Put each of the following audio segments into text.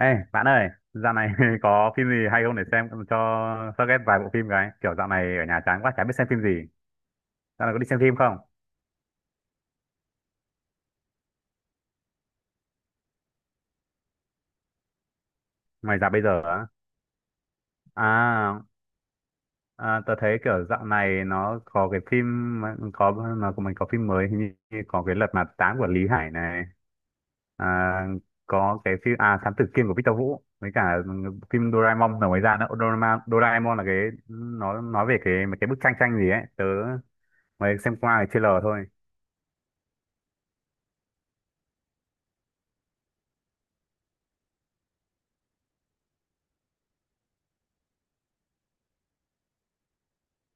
Ê, bạn ơi, dạo này có phim gì hay không để xem cho suggest vài bộ phim cái. Kiểu dạo này ở nhà chán quá, chả biết xem phim gì. Dạo này có đi xem phim không? Ngoài dạo bây giờ á. À, tớ thấy kiểu dạo này nó có cái phim, mà- có nó của mình có phim mới, hình như như có cái Lật Mặt Tám của Lý Hải này. À, có cái phim, à, Thám Tử Kiên của Victor Vũ. Với cả phim Doraemon là mới ra nữa. Doraemon là cái, nó nói về cái mấy cái bức tranh tranh gì ấy. Tớ mới xem qua cái trailer thôi.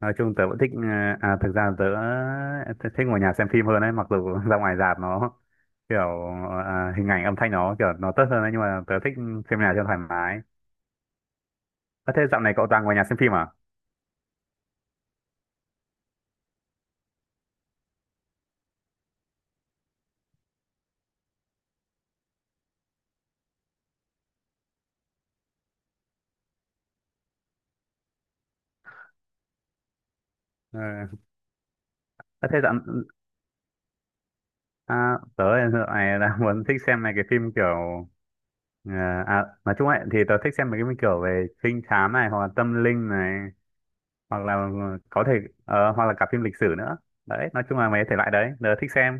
Nói chung tớ vẫn thích à, thực ra tớ thích ngồi nhà xem phim hơn ấy mặc dù ra ngoài rạp nó kiểu à, hình ảnh âm thanh nó kiểu nó tốt hơn ấy nhưng mà tớ thích xem nhà cho thoải mái. Ơ thế dạo này cậu toàn ngồi nhà xem phim à? Ờ, ơ thế dạo à, tớ dạo này đang muốn thích xem này cái phim kiểu ờ, à, nói chung ấy thì tớ thích xem mấy cái phim kiểu về trinh thám này hoặc là tâm linh này hoặc là có thể hoặc là cả phim lịch sử nữa. Đấy nói chung là mấy thể loại đấy tớ thích xem.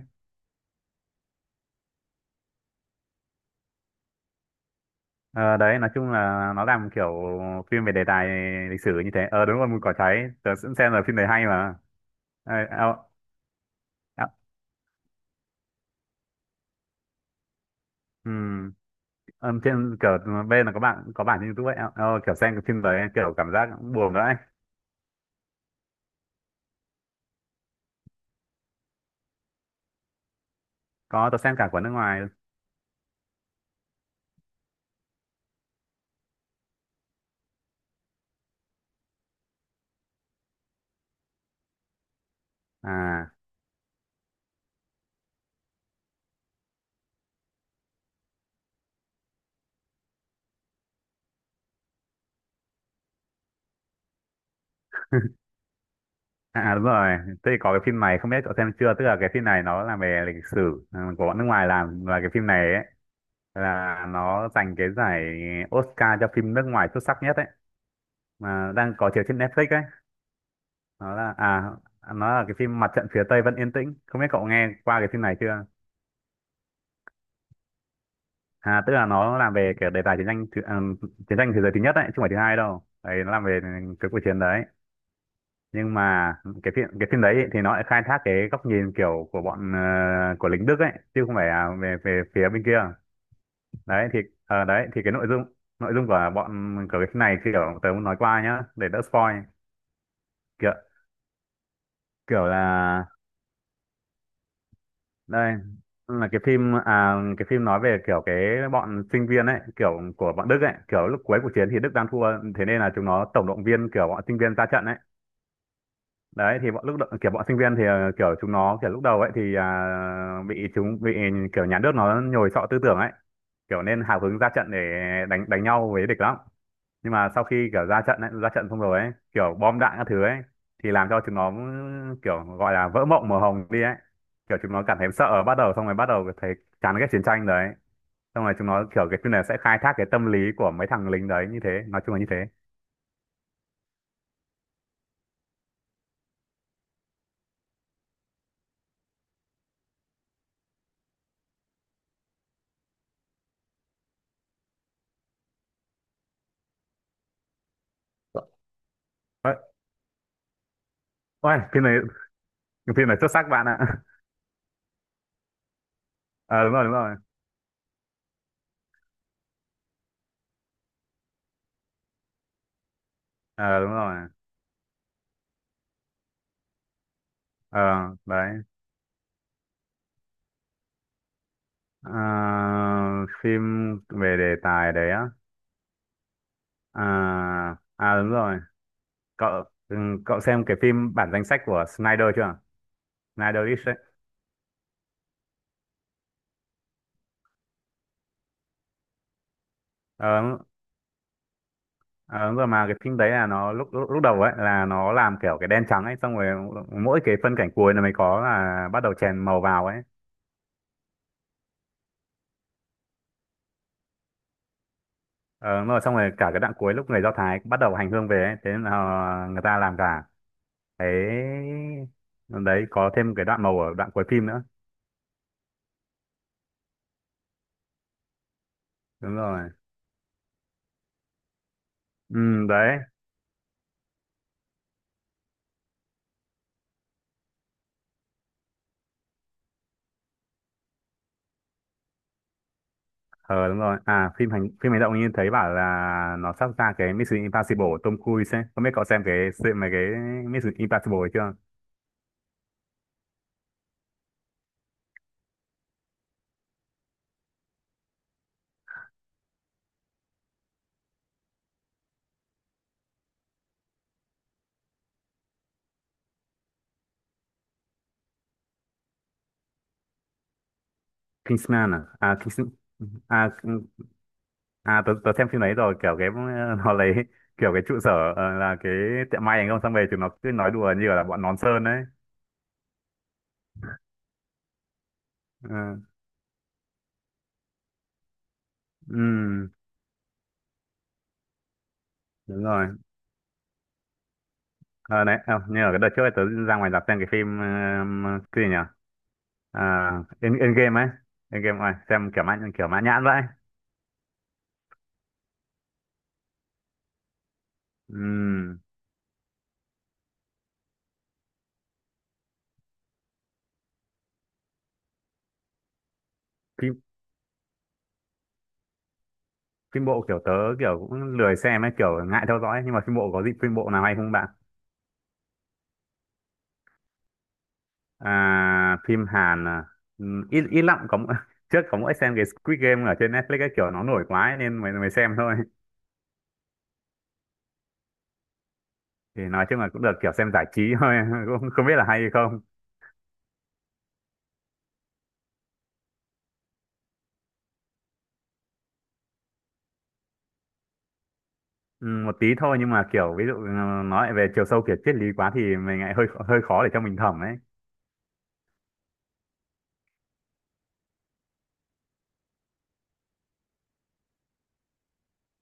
Ờ, đấy nói chung là nó làm kiểu phim về đề tài lịch sử như thế, ờ đúng rồi mùi cỏ cháy tớ cũng xem, là phim đấy hay mà. Ờ, ờ, ờ, ừm, ờ, trên kiểu bên là có bạn có bản trên YouTube ấy, kiểu xem cái phim đấy kiểu cảm giác cũng buồn đấy. Có, tớ xem cả của nước ngoài. À à à, đúng rồi, thế thì có cái phim này không biết cậu xem chưa, tức là cái phim này nó là về lịch sử, ừ, của bọn nước ngoài làm và cái phim này ấy là nó giành cái giải Oscar cho phim nước ngoài xuất sắc nhất ấy, mà đang có chiếu trên Netflix ấy. Nó là à, nó là cái phim Mặt trận phía Tây vẫn yên tĩnh, không biết cậu nghe qua cái phim này chưa. À tức là nó làm về cái đề tài chiến tranh thế giới thứ nhất đấy chứ không phải thứ hai đâu đấy, nó làm về cái cuộc chiến đấy, nhưng mà cái phim đấy ý, thì nó lại khai thác cái góc nhìn kiểu của bọn của lính Đức ấy chứ không phải là về về phía bên kia. Đấy thì đấy thì cái nội dung của cái phim này kiểu tớ muốn nói qua nhá để đỡ spoil, kiểu kiểu là đây là cái phim, à cái phim nói về kiểu cái bọn sinh viên ấy, kiểu của bọn Đức ấy, kiểu lúc cuối cuộc chiến thì Đức đang thua, thế nên là chúng nó tổng động viên kiểu bọn sinh viên ra trận ấy. Đấy thì kiểu bọn sinh viên thì kiểu chúng nó kiểu lúc đầu ấy thì à, bị kiểu nhà nước nó nhồi sọ tư tưởng ấy, kiểu nên hào hứng ra trận để đánh đánh nhau với địch lắm. Nhưng mà sau khi kiểu ra trận ấy, ra trận xong rồi ấy kiểu bom đạn các thứ ấy thì làm cho chúng nó kiểu gọi là vỡ mộng màu hồng đi ấy, kiểu chúng nó cảm thấy sợ, bắt đầu xong rồi bắt đầu thấy chán ghét chiến tranh đấy, xong rồi chúng nó kiểu cái phim này sẽ khai thác cái tâm lý của mấy thằng lính đấy như thế, nói chung là như thế. Ôi, ôi, phim này xuất sắc bạn ạ. Ờ, đúng rồi. Ờ đúng rồi. Ờ đấy. Ờ, phim về đề tài đấy á, à à đúng rồi, cậu ừ, cậu xem cái phim bản danh sách của Snyder chưa, Snyder ấy, ờ, đúng- ờ, đúng rồi mà cái phim đấy là nó lúc lúc, lúc đầu ấy là nó làm kiểu cái đen trắng ấy xong rồi mỗi cái phân cảnh cuối là mới có là bắt đầu chèn màu vào ấy. Ờ, đúng rồi xong rồi cả cái đoạn cuối lúc người Do Thái bắt đầu hành hương về ấy, thế nên là ờ, người ta làm cả cái đấy, có thêm cái đoạn màu ở đoạn cuối phim nữa. Đúng rồi. Ừ, đấy. Ờ đúng rồi, à phim hành phim hành động, như thấy bảo là nó sắp ra cái Mission Impossible của Tom Cruise ấy, không biết cậu xem mà cái Mission Impossible ấy chưa. Kingsman à à Kings à à tớ xem phim đấy rồi, kiểu cái nó lấy kiểu cái trụ sở ờ, là cái tiệm may anh không xong về chúng nó cứ nói đùa như là bọn nón sơn đấy. Ừ, ừm, đúng rồi. Ờ đấy, à, như ở cái đợt trước ấy, tớ ra ngoài rạp xem cái phim ờ, cái gì nhỉ, à, Endgame ấy, Endgame này xem kiểu kiểu mãn nhãn vậy. Ừm, phim phim bộ kiểu tớ kiểu cũng lười xem ấy, kiểu ngại theo dõi ấy. Nhưng mà phim bộ có gì, phim bộ nào hay không bạn? À, phim Hàn à, ít ít lắm, trước có mỗi xem cái Squid Game ở trên Netflix ấy kiểu nó nổi quá ấy, nên mới mới xem thôi. Thì nói chung là cũng được, kiểu xem giải trí thôi cũng không biết là hay hay không. Một tí thôi nhưng mà kiểu ví dụ ừ, nói về chiều sâu kiểu triết lý quá thì mình lại hơi hơi khó để cho mình thẩm ấy.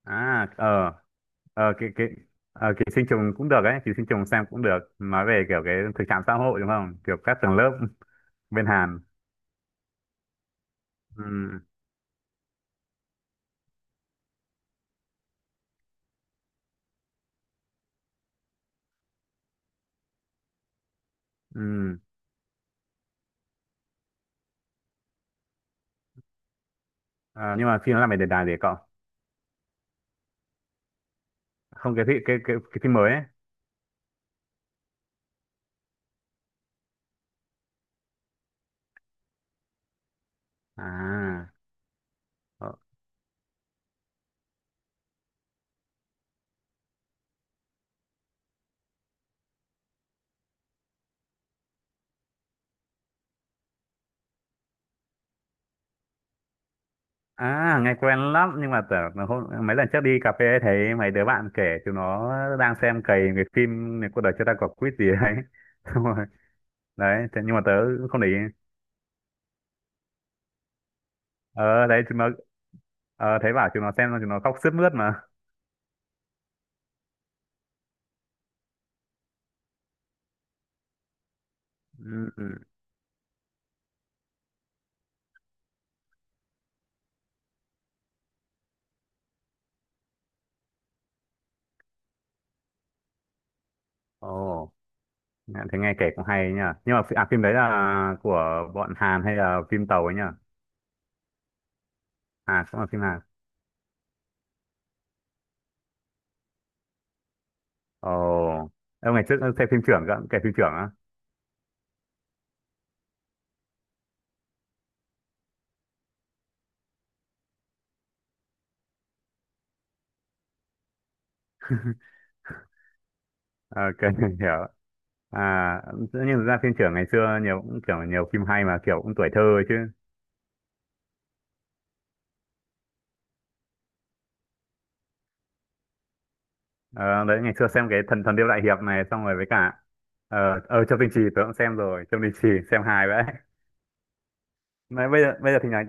À ờ, ờ cái. Ờ, ký sinh trùng cũng được ấy, ký sinh trùng xem cũng được. Nói về kiểu cái thực trạng xã hội đúng không? Kiểu các tầng lớp bên Hàn. ừ, ừ. Ờ, nhưng mà phim nó làm về đề tài gì cậu? Không cái phim cái phim mới ấy. À ờ. À nghe quen lắm nhưng mà tưởng là hôm mấy lần trước đi cà phê ấy, thấy mấy đứa bạn kể chúng nó đang xem cày cái phim này cuộc đời chưa ta có quýt gì đấy. Xong rồi đấy thế nhưng mà tớ cũng không để ý. Ờ đấy chúng nó ờ, thấy bảo chúng nó xem xong chúng nó khóc sướt mướt mà. Ừ. Ồ nghe-, thế nghe kể cũng hay nhỉ, nhưng mà à, phim đấy là của bọn Hàn hay là phim tàu ấy nhỉ? À cũng là phim Hàn. Ồ, em ngày trước xem phim trưởng cơ, kể phim trưởng á. Ok, hiểu. À, tự nhiên thực ra phim trưởng ngày xưa nhiều cũng kiểu nhiều phim hay mà kiểu cũng tuổi thơ ấy chứ. Ờ, đấy ngày xưa xem cái thần thần điêu đại hiệp này xong rồi với cả ờ ờ Châu Tinh Trì tớ cũng xem rồi, Châu Tinh Trì xem hài vậy. Mà bây giờ thì nhà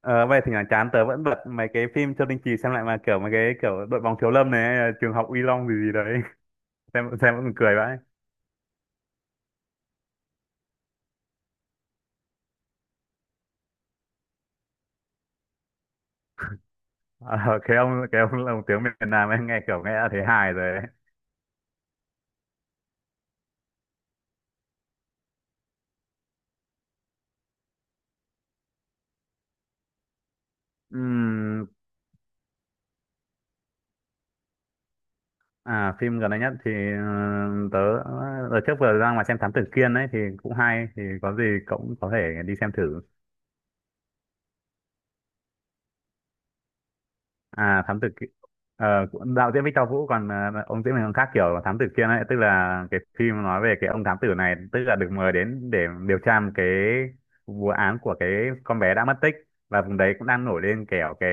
ờ, bây giờ thì nhà chán tớ vẫn bật mấy cái phim Châu Tinh Trì xem lại mà kiểu mấy cái kiểu đội bóng thiếu lâm này, trường học Uy Long gì gì đấy. Xem vẫn cười vậy. Ờ, cái ông lồng tiếng miền Nam ấy nghe nghe đã thấy hài rồi đấy. À phim gần đây nhất thì ờ, tớ đợt trước vừa ra ngoài xem Thám Tử Kiên ấy thì cũng hay, thì có gì cậu cũng có thể đi xem thử. À Thám Tử Kiên đạo diễn Victor Vũ còn ờ, ông diễn viên còn khác, kiểu là Thám Tử Kiên ấy tức là cái phim nói về cái ông thám tử này tức là được mời đến để điều tra một cái vụ án của cái con bé đã mất tích, và vùng đấy cũng đang nổi lên kiểu cái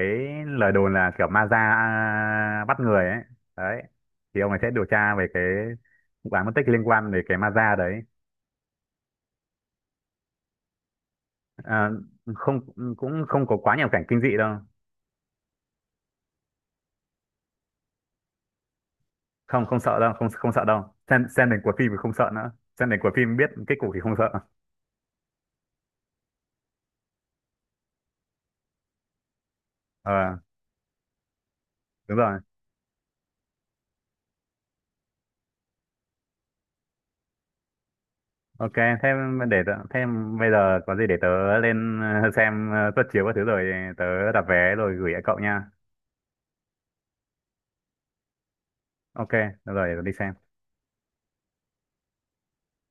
lời đồn là kiểu ma da à, bắt người ấy. Đấy. Thì ông ấy sẽ điều tra về cái vụ án mất tích liên quan đến cái ma da đấy. À, không cũng không có quá nhiều cảnh kinh dị đâu. Không không sợ đâu, không không sợ đâu, xem đến cuối phim thì không sợ nữa, xem đến cuối phim biết kết cục thì không sợ. Ờ đúng rồi. Ok thế thế bây giờ có gì để tớ lên ờ, xem ờ, suất chiếu các thứ rồi tớ đặt vé rồi gửi lại cậu nha. Ok được rồi để tớ đi xem.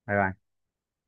Bye bye.